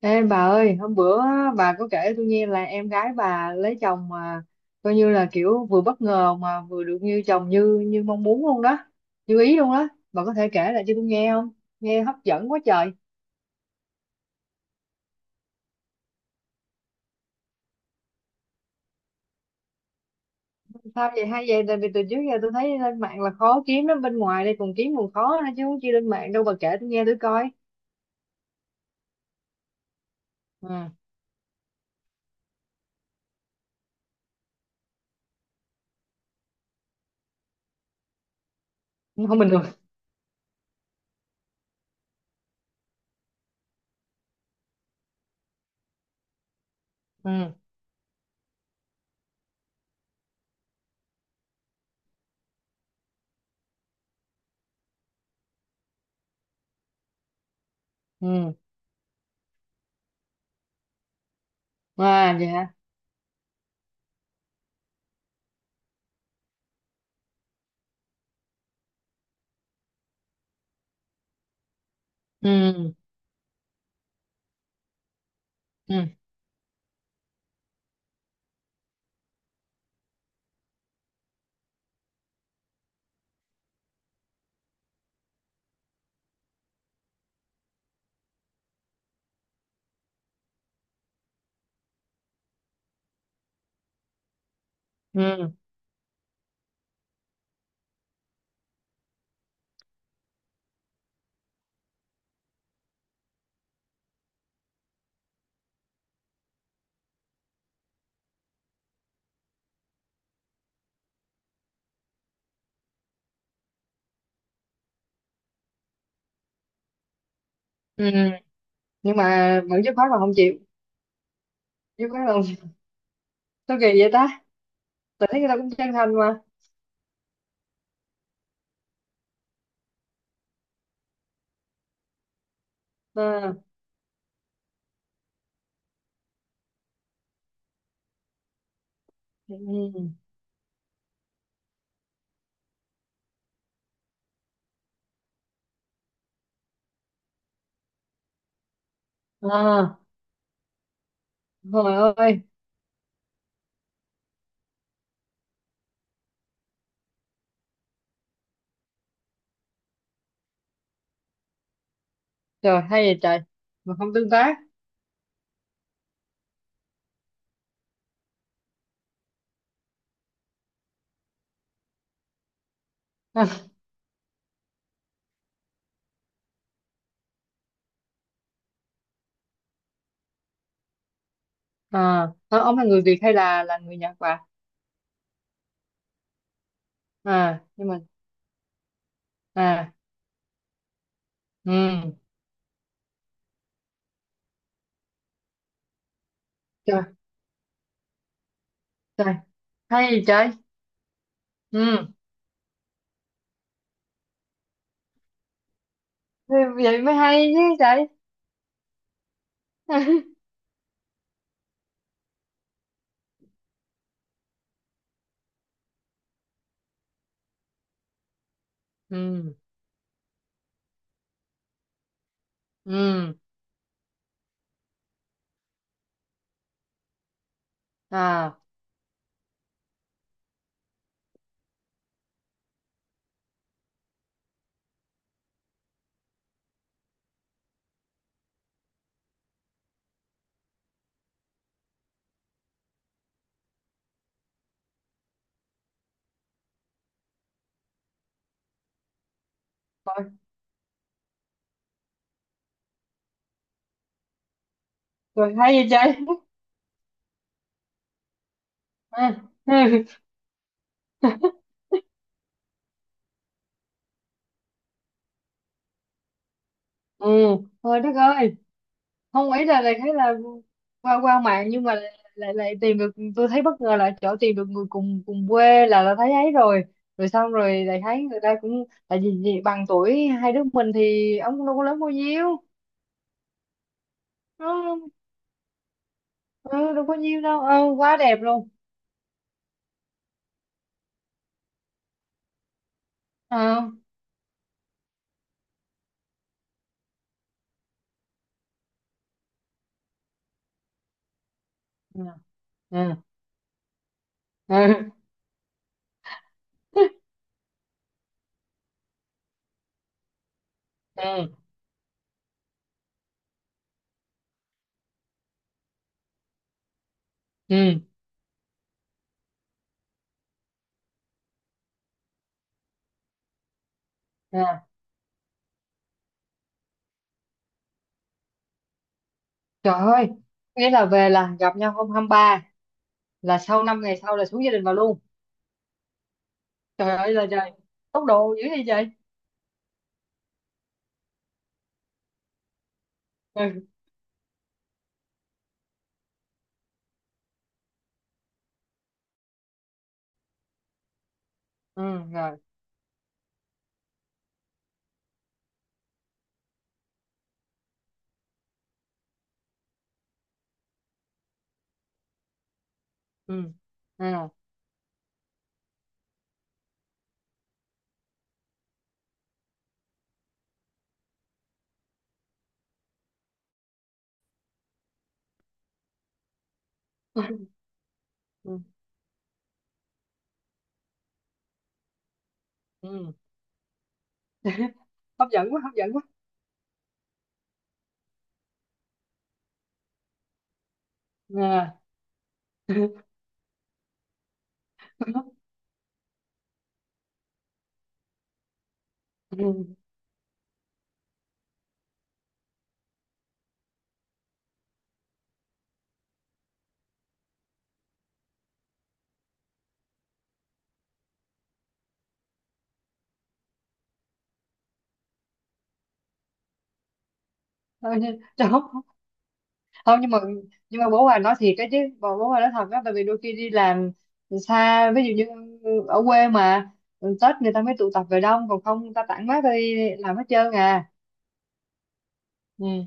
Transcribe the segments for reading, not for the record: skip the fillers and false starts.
Ê bà ơi, hôm bữa bà có kể tôi nghe là em gái bà lấy chồng mà coi như là kiểu vừa bất ngờ mà vừa được như chồng như như mong muốn luôn đó, như ý luôn đó. Bà có thể kể lại cho tôi nghe không? Nghe hấp dẫn quá trời. Sao vậy hay vậy? Tại vì từ trước giờ tôi thấy lên mạng là khó kiếm lắm, bên ngoài đây còn kiếm còn khó nữa, chứ không chi lên mạng đâu, bà kể tôi nghe tôi coi. Ừ, không bình thường. Ừ, ừ. À vậy hả? Ừ, ừ, ừ, ừ. Nhưng mà vẫn dứt khoát là không chịu. Dứt khoát là không chịu. Sao kỳ vậy ta? Tôi thấy người ta cũng chân thành mà. À, ừ, à, trời ơi, trời hay vậy trời, mà không tương tác. à, à, ông là người Việt hay là người Nhật bà? À nhưng mà, à, ừ, trời, trời hay vậy trời. Ừ, thế vậy mới hay chứ trời. ừ, ừ, à, rồi, rồi hay vậy trời. ừ, ừ, thôi đất ơi. Không, ý là lại thấy là qua qua mạng nhưng mà lại lại, lại tìm được, tôi thấy bất ngờ là chỗ tìm được người cùng cùng quê là thấy ấy rồi. Rồi xong rồi lại thấy người ta cũng tại vì bằng tuổi hai đứa mình thì ông cũng đâu có lớn bao nhiêu. Nó ừ, đâu có nhiêu đâu, ừ, quá đẹp luôn. Ờ, ừ, ừ, ừ, ừ, ừ, ừ. Trời ơi, nghĩa là về là gặp nhau hôm hai ba, là sau năm ngày sau là xuống gia đình vào luôn. Trời ơi là trời, tốc độ dữ vậy trời. Ừ, ừ, rồi, ừ, à, ừ, ừ. hấp dẫn quá, hấp dẫn quá. À, ừ. Thôi nhưng- Trời, không. Không, nhưng mà, nhưng mà bố bà nói thiệt cái chứ, bố bố bà nói thật đó, tại vì đôi khi đi làm xa ví dụ như ở quê mà Tết người ta mới tụ tập về đông, còn không người ta tản mát đi làm hết trơn à. Ừ.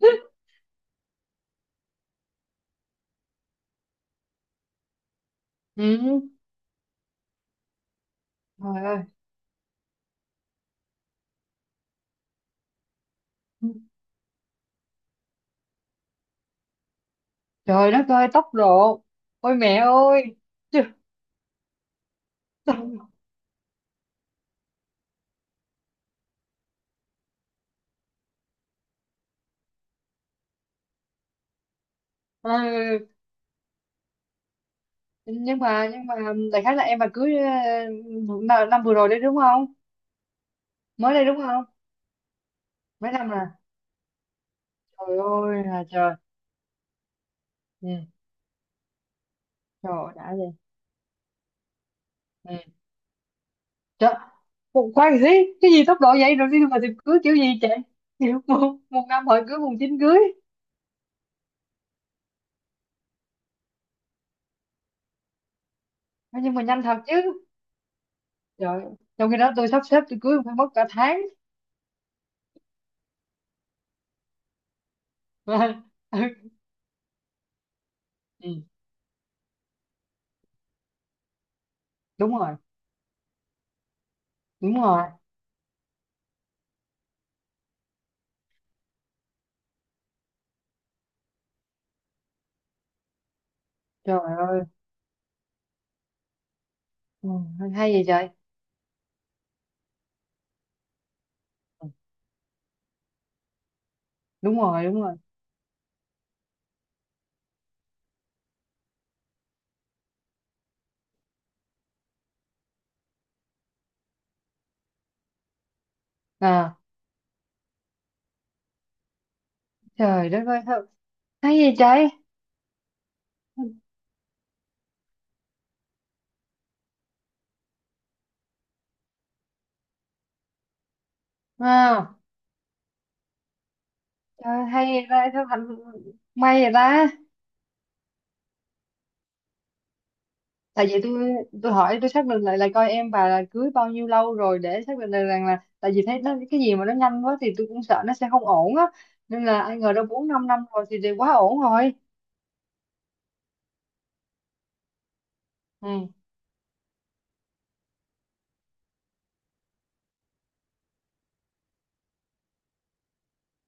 ừ, trời ơi, trời đất ơi tóc độ, ôi mẹ ơi. Chứ- Ừ. Nhưng mà, nhưng mà đại khái là em mà cưới ờ, năm năm vừa rồi đấy đúng không? Mới đây đúng không? Mấy năm là, trời ơi là trời. Ừ. Trời ơi, đã vậy. Ừ. Trời, một khoan gì, cái gì tốc độ vậy rồi đi mà tìm cưới kiểu gì chị? Kiểu một năm hỏi cưới, mùng chín cưới. Nói nhưng mà nhanh thật chứ. Trời, trong khi đó tôi sắp xếp tôi cưới phải mất cả tháng. ừ. Đúng rồi, đúng rồi. Trời ơi. Ừ. Hay vậy trời. Ừ. Đúng rồi, đúng rồi. À, trời đất ơi, thật. Hay vậy trời. Wow. Trời, hay ra sao thành, may vậy ta. Tại vì tôi hỏi tôi xác định lại là coi em bà là cưới bao nhiêu lâu rồi để xác định được rằng là, tại vì thấy nó cái gì mà nó nhanh quá thì tôi cũng sợ nó sẽ không ổn á. Nên là ai ngờ đâu 4 5 năm rồi thì quá ổn rồi. Ừ,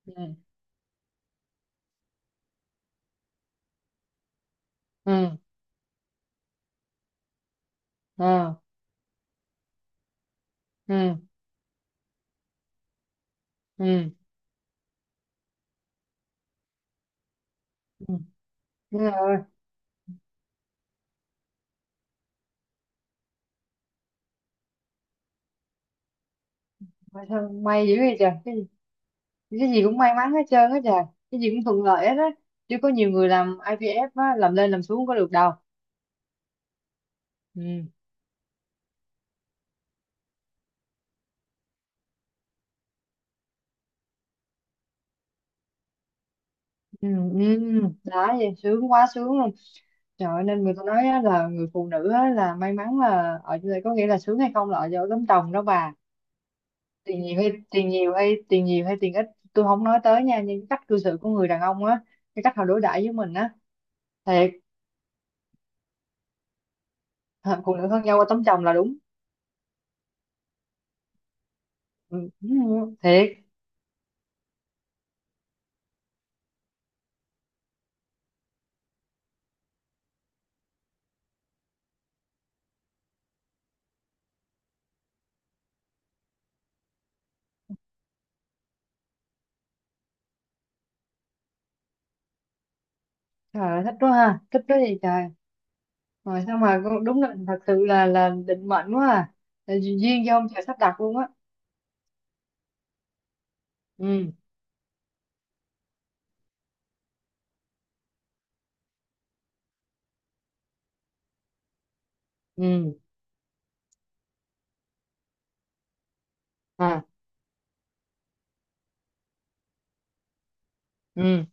ừ, ừ, ừ, ừ, ừ. Ừ. Đúng rồi. Mà sao may dữ vậy trời. Cái gì cũng may mắn hết trơn á trời. Cái gì cũng thuận lợi hết á. Chứ có nhiều người làm IVF á, làm lên làm xuống có được đâu. Ừ. Ừ, ừ, đó vậy sướng quá, sướng luôn. Trời ơi, nên người ta nói á, là người phụ nữ á, là may mắn là ở chỗ này, có nghĩa là sướng hay không là ở chỗ tấm chồng đó bà. Tiền nhiều hay tiền nhiều hay tiền nhiều hay tiền ít, tôi không nói tới nha, nhưng cái cách cư xử của người đàn ông á, cái cách họ đối đãi với mình á, thiệt. Hả, phụ nữ hơn nhau qua tấm chồng là đúng. Ừ, ừ, thiệt. Trời ơi, thích quá ha, thích quá gì trời. Rồi sao mà con- đúng là thật sự là định mệnh quá à. Là duyên do ông trời sắp đặt luôn á. Ừ, ừ, à, ừ,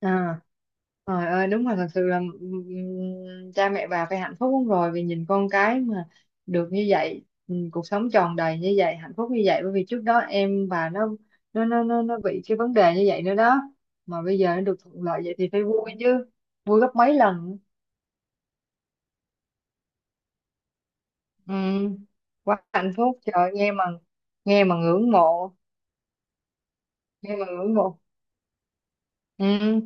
à, trời ơi đúng là thật sự là cha mẹ bà phải hạnh phúc lắm rồi, vì nhìn con cái mà được như vậy, cuộc sống tròn đầy như vậy, hạnh phúc như vậy, bởi vì trước đó em bà nó bị cái vấn đề như vậy nữa đó. Mà bây giờ nó được thuận lợi vậy thì phải vui chứ, vui gấp mấy lần. Ừm, quá hạnh phúc, trời ơi, nghe mà ngưỡng mộ, nghe mà ngưỡng mộ. Ừ,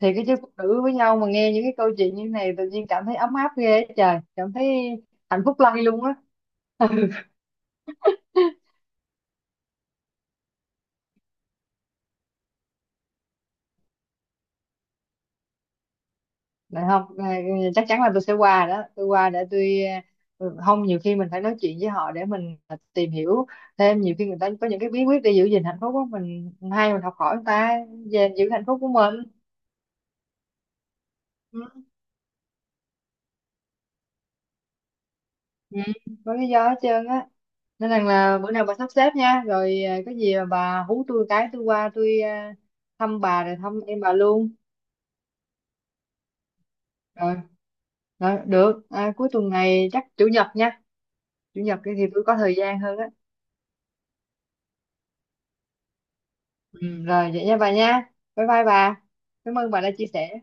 thì cái chứ phụ nữ với nhau mà nghe những cái câu chuyện như này tự nhiên cảm thấy ấm áp ghê á trời, cảm thấy hạnh phúc lây luôn á. Này không à, chắc chắn là tôi sẽ qua đó, tôi qua để tôi, ừ, không nhiều khi mình phải nói chuyện với họ để mình à, tìm hiểu thêm, nhiều khi người ta có những cái bí quyết để giữ gìn hạnh phúc của mình hay mình học hỏi người ta về giữ hạnh phúc của mình. Ừ. Ừ. Có lý do hết trơn á. Nên rằng là bữa nào bà sắp xếp nha, rồi à, có gì mà bà hú tôi cái, tôi qua tôi à, thăm bà rồi thăm em bà luôn. Rồi, rồi được. À, cuối tuần này chắc chủ nhật nha. Chủ nhật kia thì tôi có thời gian hơn á. Ừ, rồi vậy nha bà nha. Bye bye bà. Cảm ơn bà đã chia sẻ.